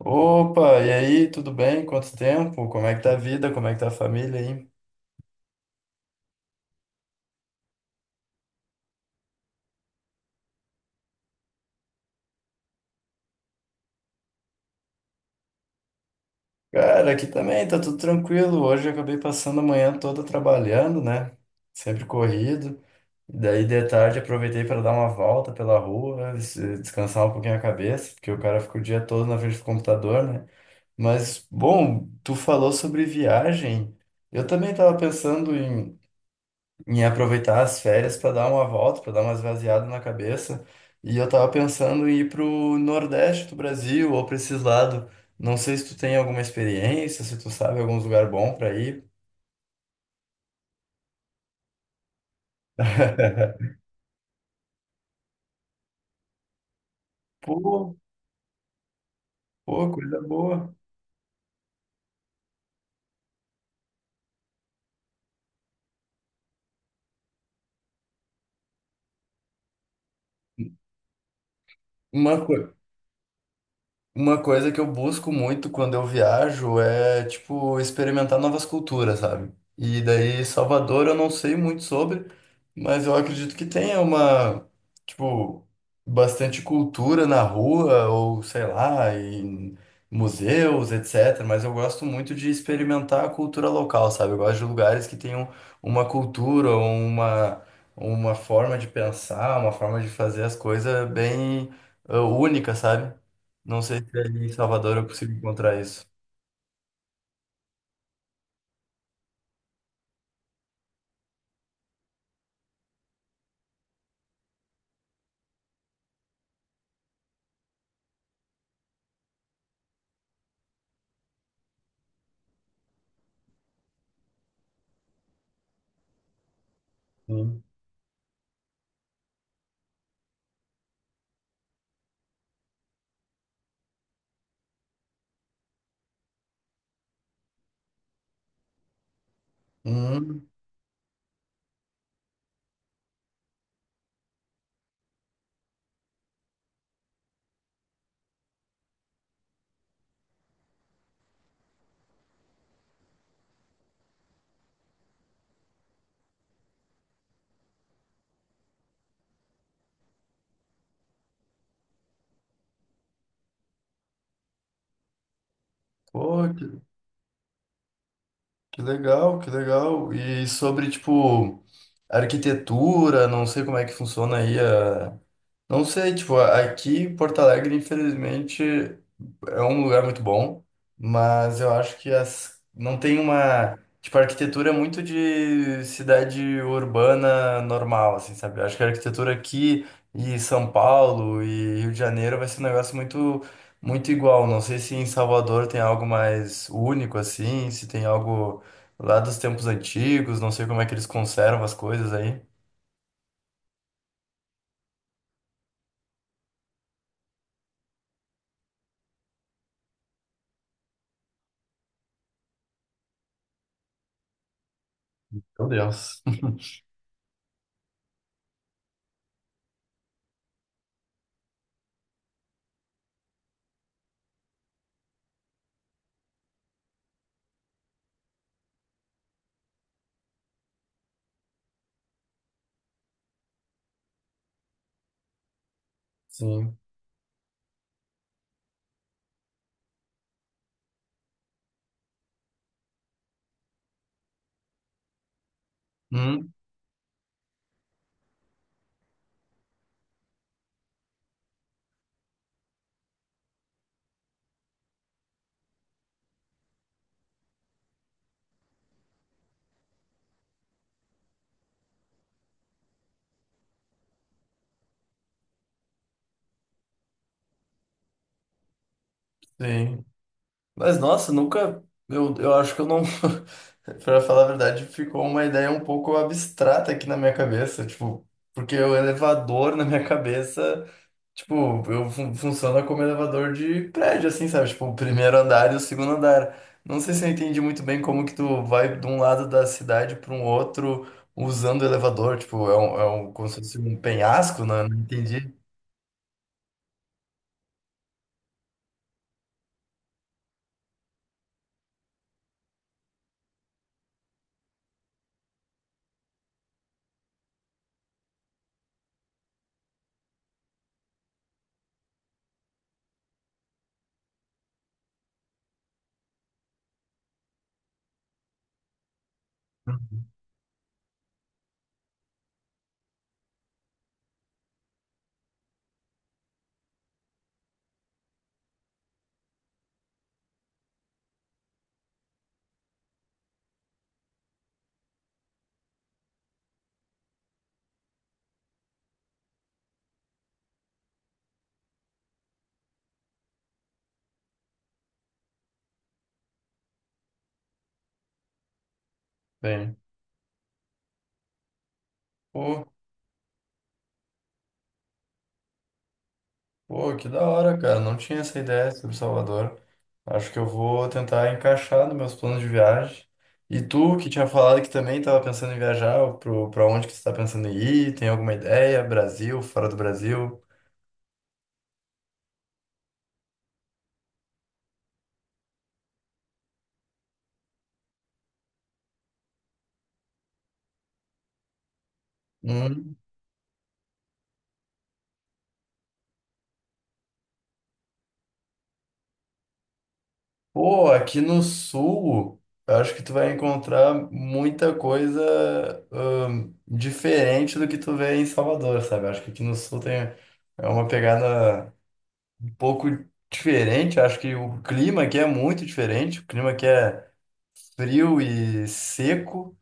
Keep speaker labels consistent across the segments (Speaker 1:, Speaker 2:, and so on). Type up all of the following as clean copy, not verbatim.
Speaker 1: Opa, e aí, tudo bem? Quanto tempo? Como é que tá a vida? Como é que tá a família aí? Cara, aqui também tá tudo tranquilo. Hoje eu acabei passando a manhã toda trabalhando, né? Sempre corrido. E daí de tarde aproveitei para dar uma volta pela rua, descansar um pouquinho a cabeça, porque o cara fica o dia todo na frente do computador, né? Mas, bom, tu falou sobre viagem. Eu também estava pensando em aproveitar as férias para dar uma volta, para dar uma esvaziada na cabeça. E eu tava pensando em ir pro Nordeste do Brasil ou para esses lados. Não sei se tu tem alguma experiência, se tu sabe algum lugar bom para ir. Pô, pô, coisa boa. Uma coisa. Uma coisa que eu busco muito quando eu viajo é, tipo, experimentar novas culturas, sabe? E daí, Salvador eu não sei muito sobre, mas eu acredito que tenha uma, tipo, bastante cultura na rua, ou sei lá, em museus, etc. Mas eu gosto muito de experimentar a cultura local, sabe? Eu gosto de lugares que tenham uma cultura, uma forma de pensar, uma forma de fazer as coisas bem, única, sabe? Não sei se ali em Salvador eu consigo encontrar isso. Hum. Hum. Pô, que legal, que legal. E sobre, tipo, arquitetura, não sei como é que funciona aí. Não sei, tipo, aqui em Porto Alegre, infelizmente, é um lugar muito bom, mas eu acho que as... não tem uma, tipo, a arquitetura é muito de cidade urbana normal, assim, sabe? Eu acho que a arquitetura aqui e São Paulo e Rio de Janeiro vai ser um negócio muito, muito igual. Não sei se em Salvador tem algo mais único, assim, se tem algo lá dos tempos antigos, não sei como é que eles conservam as coisas aí. Meu Deus. Sim. Hum, sim. Mas nossa, nunca. Eu acho que eu não. Pra falar a verdade, ficou uma ideia um pouco abstrata aqui na minha cabeça. Tipo, porque o elevador na minha cabeça, tipo, eu funciona como elevador de prédio, assim, sabe? Tipo, o primeiro andar e o segundo andar. Não sei se eu entendi muito bem como que tu vai de um lado da cidade para um outro usando o elevador. Tipo, é um, como se fosse um penhasco, né? Não entendi. Uhum. Bem. Pô, Pô, que da hora, cara. Não tinha essa ideia sobre Salvador. Acho que eu vou tentar encaixar nos meus planos de viagem. E tu, que tinha falado que também estava pensando em viajar, pra onde que você está pensando em ir? Tem alguma ideia? Brasil, fora do Brasil? Hum. Pô, aqui no sul, eu acho que tu vai encontrar muita coisa diferente do que tu vê em Salvador, sabe? Eu acho que aqui no sul tem é uma pegada, um pouco diferente. Acho que o clima aqui é muito diferente. O clima aqui é frio e seco.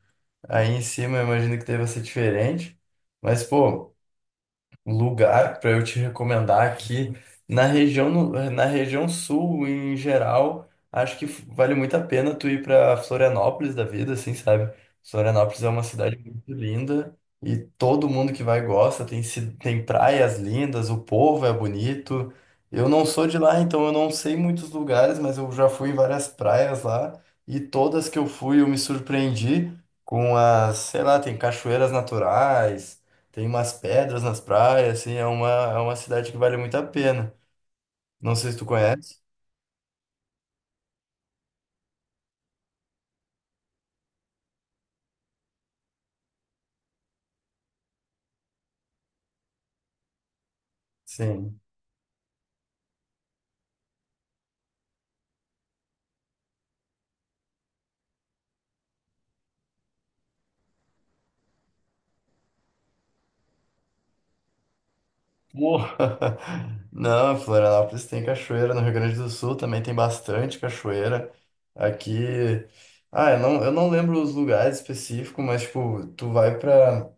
Speaker 1: Aí em cima eu imagino que deva ser diferente. Mas, pô, lugar para eu te recomendar aqui na região na região sul em geral, acho que vale muito a pena tu ir para Florianópolis da vida, assim, sabe? Florianópolis é uma cidade muito linda, e todo mundo que vai gosta, tem tem praias lindas, o povo é bonito. Eu não sou de lá, então eu não sei muitos lugares, mas eu já fui em várias praias lá e todas que eu fui eu me surpreendi com as, sei lá, tem cachoeiras naturais, tem umas pedras nas praias, assim, é uma cidade que vale muito a pena. Não sei se tu conhece. Sim. Porra! Não, Florianópolis tem cachoeira, no Rio Grande do Sul também tem bastante cachoeira. Aqui. Ah, eu não lembro os lugares específicos, mas, tipo, tu vai pra,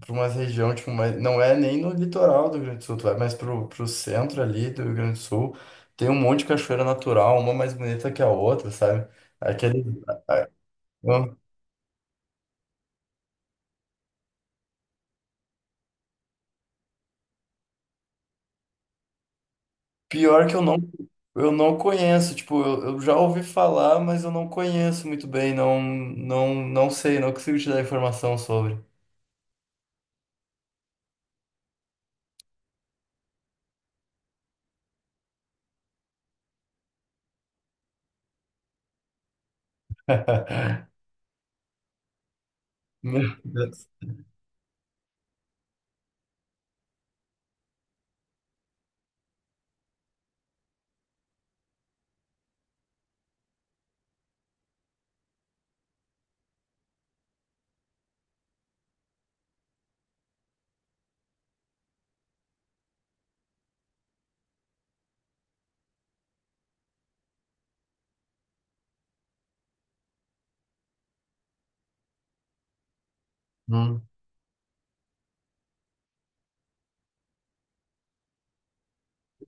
Speaker 1: pra uma região, tipo, mas não é nem no litoral do Rio Grande do Sul, tu vai mais pro centro ali do Rio Grande do Sul. Tem um monte de cachoeira natural, uma mais bonita que a outra, sabe? Aquele. Pior que eu não conheço, tipo, eu já ouvi falar, mas eu não conheço muito bem, não, não, não sei, não consigo te dar informação sobre. Meu Deus. Hum.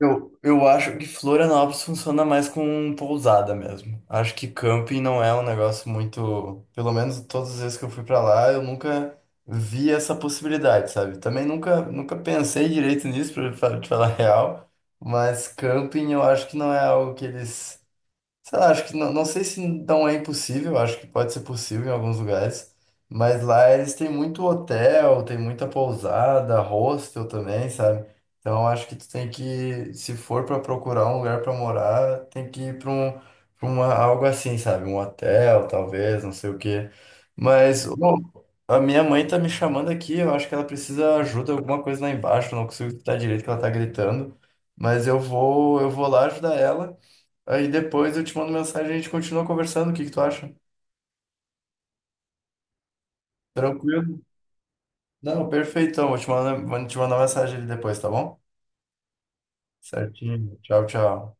Speaker 1: Eu acho que Florianópolis funciona mais com pousada mesmo. Acho que camping não é um negócio muito. Pelo menos todas as vezes que eu fui pra lá, eu nunca vi essa possibilidade, sabe? Também nunca, nunca pensei direito nisso, pra te falar a real. Mas camping eu acho que não é algo que eles. Sei lá, acho que não, não sei se não é impossível, acho que pode ser possível em alguns lugares, mas lá eles têm muito hotel, tem muita pousada, hostel também, sabe? Então acho que tu tem que, se for para procurar um lugar para morar, tem que ir para um, pra uma, algo assim, sabe? Um hotel, talvez, não sei o quê. Mas ô, a minha mãe tá me chamando aqui, eu acho que ela precisa ajuda, alguma coisa lá embaixo, eu não consigo escutar direito que ela tá gritando, mas eu vou lá ajudar ela. Aí depois eu te mando mensagem, e a gente continua conversando. O que que tu acha? Tranquilo? Não, perfeitão. Vou te mandar mensagem ali depois, tá bom? Certinho. Tchau, tchau.